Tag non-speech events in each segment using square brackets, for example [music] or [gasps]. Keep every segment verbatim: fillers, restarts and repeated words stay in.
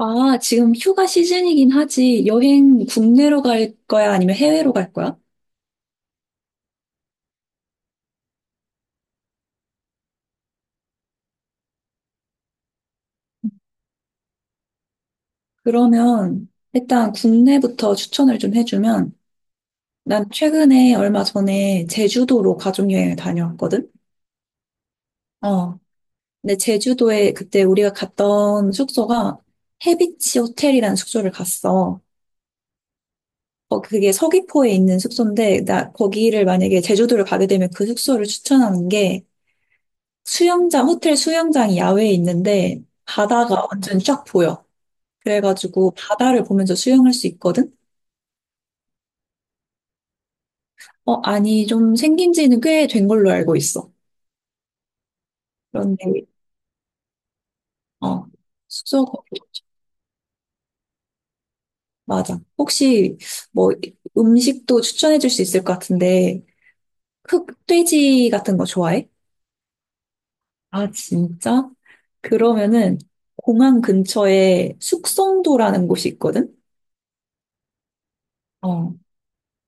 아, 지금 휴가 시즌이긴 하지. 여행 국내로 갈 거야? 아니면 해외로 갈 거야? 그러면 일단 국내부터 추천을 좀 해주면 난 최근에 얼마 전에 제주도로 가족여행을 다녀왔거든? 어. 근데 제주도에 그때 우리가 갔던 숙소가 해비치 호텔이라는 숙소를 갔어. 어, 그게 서귀포에 있는 숙소인데 나 거기를 만약에 제주도를 가게 되면 그 숙소를 추천하는 게 수영장, 호텔 수영장이 야외에 있는데 바다가 완전 쫙 보여. 그래가지고 바다를 보면서 수영할 수 있거든? 어, 아니, 좀 생긴 지는 꽤 된 걸로 알고 있어. 그런데, 어, 숙소, 거- 맞아. 혹시 뭐 음식도 추천해 줄 수 있을 것 같은데, 흑돼지 같은 거 좋아해? 아, 진짜? 그러면은 공항 근처에 숙성도라는 곳이 있거든? 어,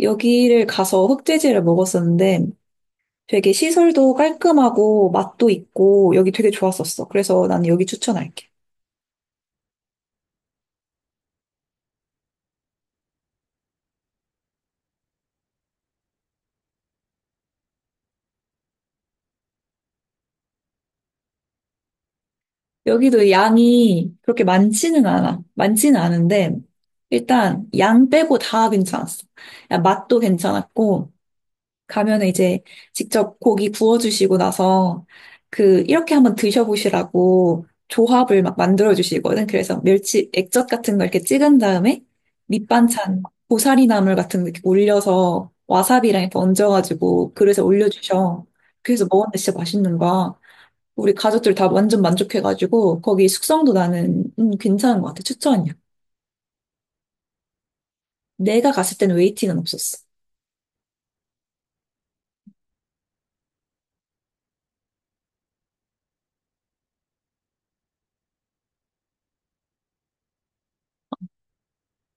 여기를 가서 흑돼지를 먹었었는데, 되게 시설도 깔끔하고 맛도 있고 여기 되게 좋았었어. 그래서 나는 여기 추천할게. 여기도 양이 그렇게 많지는 않아. 많지는 않은데, 일단 양 빼고 다 괜찮았어. 야, 맛도 괜찮았고, 가면은 이제 직접 고기 구워주시고 나서, 그, 이렇게 한번 드셔보시라고 조합을 막 만들어주시거든. 그래서 멸치 액젓 같은 걸 이렇게 찍은 다음에, 밑반찬 고사리 나물 같은 거 이렇게 올려서 와사비랑 이렇게 얹어가지고 그릇에 올려주셔. 그래서 먹었는데 진짜 맛있는 거야. 우리 가족들 다 완전 만족해가지고 거기 숙성도 나는 음, 괜찮은 것 같아. 추천이야. 내가 갔을 때는 웨이팅은 없었어.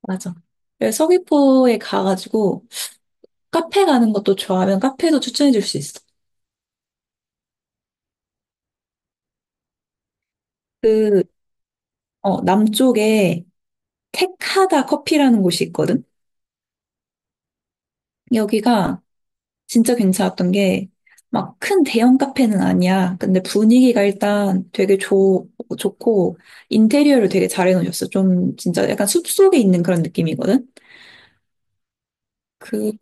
맞아. 그래서 서귀포에 가가지고 카페 가는 것도 좋아하면 카페도 추천해 줄 수 있어. 그, 어, 남쪽에 택하다 커피라는 곳이 있거든? 여기가 진짜 괜찮았던 게 막 큰 대형 카페는 아니야. 근데 분위기가 일단 되게 좋, 좋고 인테리어를 되게 잘 해놓으셨어. 좀 진짜 약간 숲속에 있는 그런 느낌이거든? 그,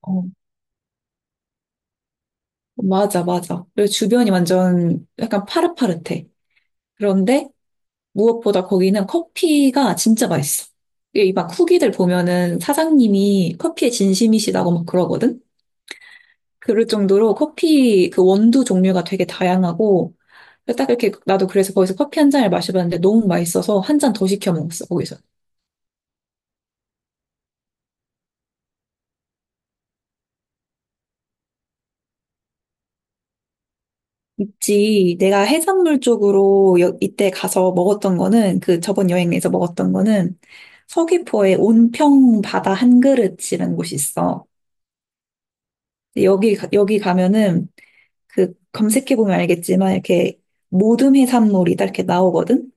어, 맞아, 맞아. 그리고 주변이 완전 약간 파릇파릇해. 그런데 무엇보다 거기는 커피가 진짜 맛있어. 이 막 후기들 보면은 사장님이 커피에 진심이시다고 막 그러거든? 그럴 정도로 커피 그 원두 종류가 되게 다양하고, 딱 이렇게 나도 그래서 거기서 커피 한 잔을 마셔봤는데 너무 맛있어서 한 잔 더 시켜 먹었어, 거기서. 있지. 내가 해산물 쪽으로 여- 이때 가서 먹었던 거는 그 저번 여행에서 먹었던 거는 서귀포에 온평 바다 한 그릇이라는 곳이 있어. 근데 여기 가- 여기 가면은 그 검색해 보면 알겠지만 이렇게 모듬 해산물이 딱 이렇게 나오거든.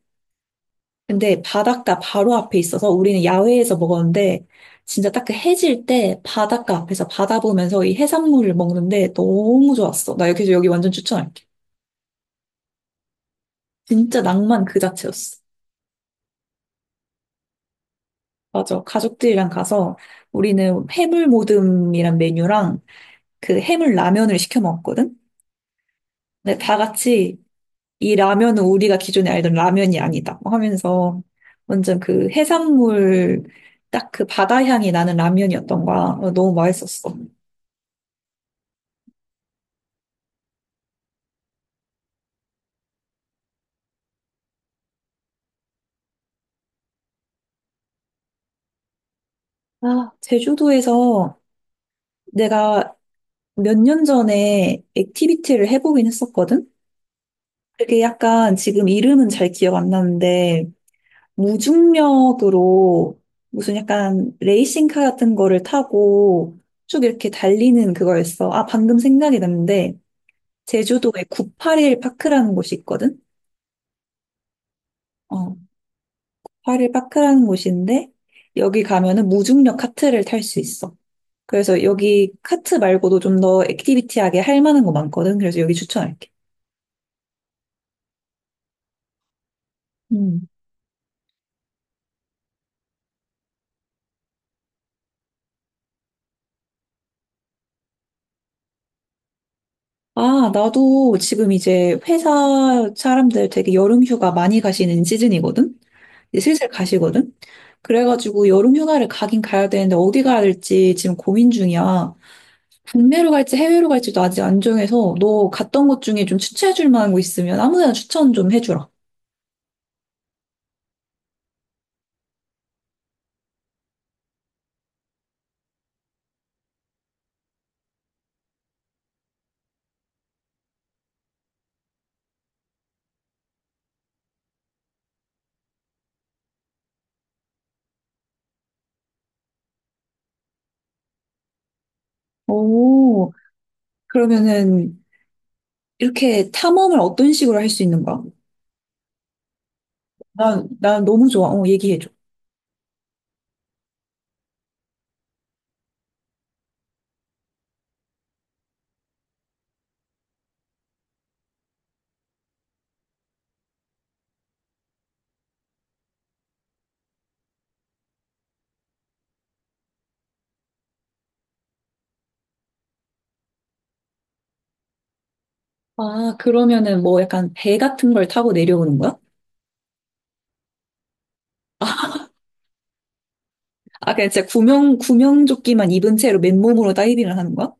근데 바닷가 바로 앞에 있어서 우리는 야외에서 먹었는데 진짜 딱 그 해질 때 바닷가 앞에서 바다 보면서 이 해산물을 먹는데 너무 좋았어. 나 여기서 여기 완전 추천할게. 진짜 낭만 그 자체였어. 맞아. 가족들이랑 가서 우리는 해물 모듬이란 메뉴랑 그 해물 라면을 시켜 먹었거든? 근데 다 같이 이 라면은 우리가 기존에 알던 라면이 아니다 뭐 하면서 완전 그 해산물 딱 그 바다 향이 나는 라면이었던 거야. 어, 너무 맛있었어. 아, 제주도에서 내가 몇 년 전에 액티비티를 해보긴 했었거든? 그게 약간 지금 이름은 잘 기억 안 나는데 무중력으로 무슨 약간 레이싱카 같은 거를 타고 쭉 이렇게 달리는 그거였어. 아, 방금 생각이 났는데, 제주도에 구팔일 파크라는 곳이 있거든? 어, 팔일 파크라는 곳인데, 여기 가면은 무중력 카트를 탈 수 있어. 그래서 여기 카트 말고도 좀 더 액티비티하게 할 만한 거 많거든. 그래서 여기 추천할게. 음. 아, 나도 지금 이제 회사 사람들 되게 여름 휴가 많이 가시는 시즌이거든? 이제 슬슬 가시거든? 그래가지고 여름 휴가를 가긴 가야 되는데 어디 가야 될지 지금 고민 중이야. 국내로 갈지 해외로 갈지도 아직 안 정해서 너 갔던 곳 중에 좀 추천해줄 만한 곳 있으면 아무 데나 추천 좀 해주라. 오, 그러면은 이렇게 탐험을 어떤 식으로 할 수 있는 거야? 난, 난 너무 좋아. 어, 얘기해줘. 아, 그러면은 뭐 약간 배 같은 걸 타고 내려오는 거야? 아, 그냥 진짜 구명, 구명조끼만 입은 채로 맨몸으로 다이빙을 하는 거야?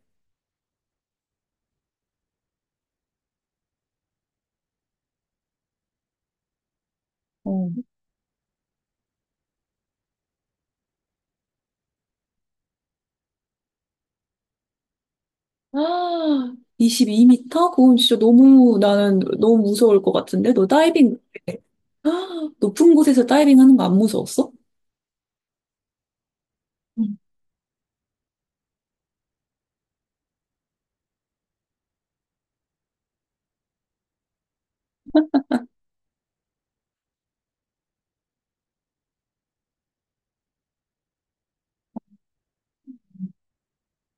어. [gasps] 아, 이 이미터 그건 진짜 너무 나는 너무 무서울 것 같은데? 너 다이빙, [gasps] 아, 높은 곳에서 다이빙 하는 거 안 무서웠어? 응.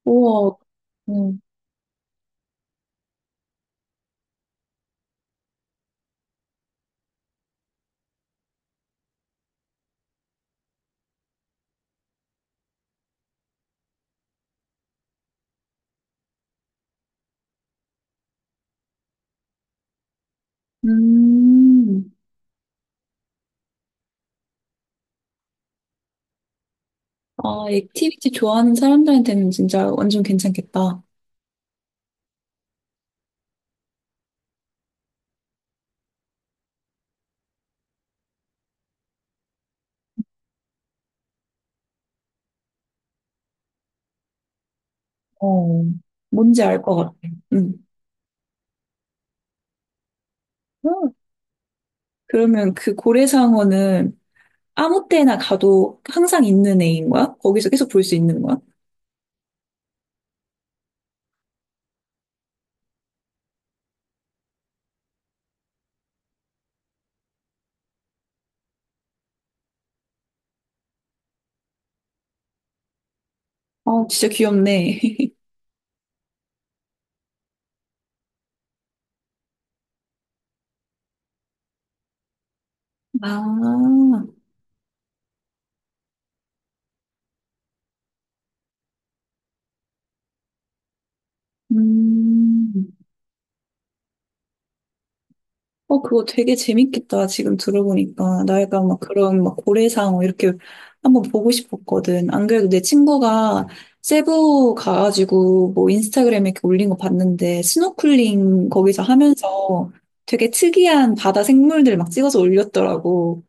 우와. 음. 음. 아, 액티비티 좋아하는 사람들한테는 진짜 완전 괜찮겠다. 어. 뭔지 알 것 같아. 응. 응. 그러면 그 고래상어는 아무 때나 가도 항상 있는 애인 거야? 거기서 계속 볼 수 있는 거야? 아, 진짜 귀엽네. [laughs] 아, 음. 어, 그거 되게 재밌겠다. 지금 들어보니까. 나 약간 막 그런 막 고래상어 이렇게 한번 보고 싶었거든. 안 그래도 내 친구가 세부 가가지고 뭐 인스타그램에 이렇게 올린 거 봤는데 스노클링 거기서 하면서 되게 특이한 바다 생물들 막 찍어서 올렸더라고.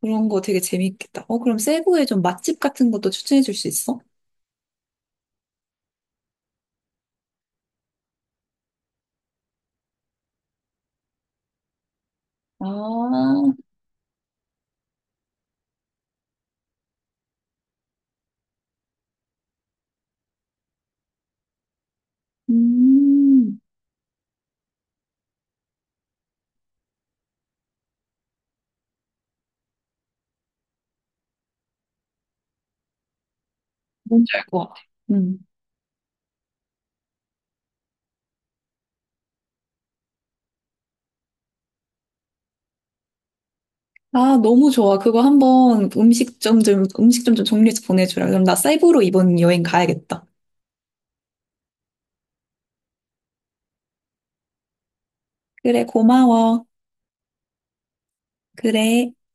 그런 거 되게 재밌겠다. 어, 그럼 세부에 좀 맛집 같은 것도 추천해 줄 수 있어? 아, 음, 뭔지 알 것 같아. 아, 너무 좋아. 그거 한번 음식점 좀, 음식점 좀 정리해서 보내주라. 그럼 나 사이로 이번 여행 가야겠다. 그래, 고마워. 그래.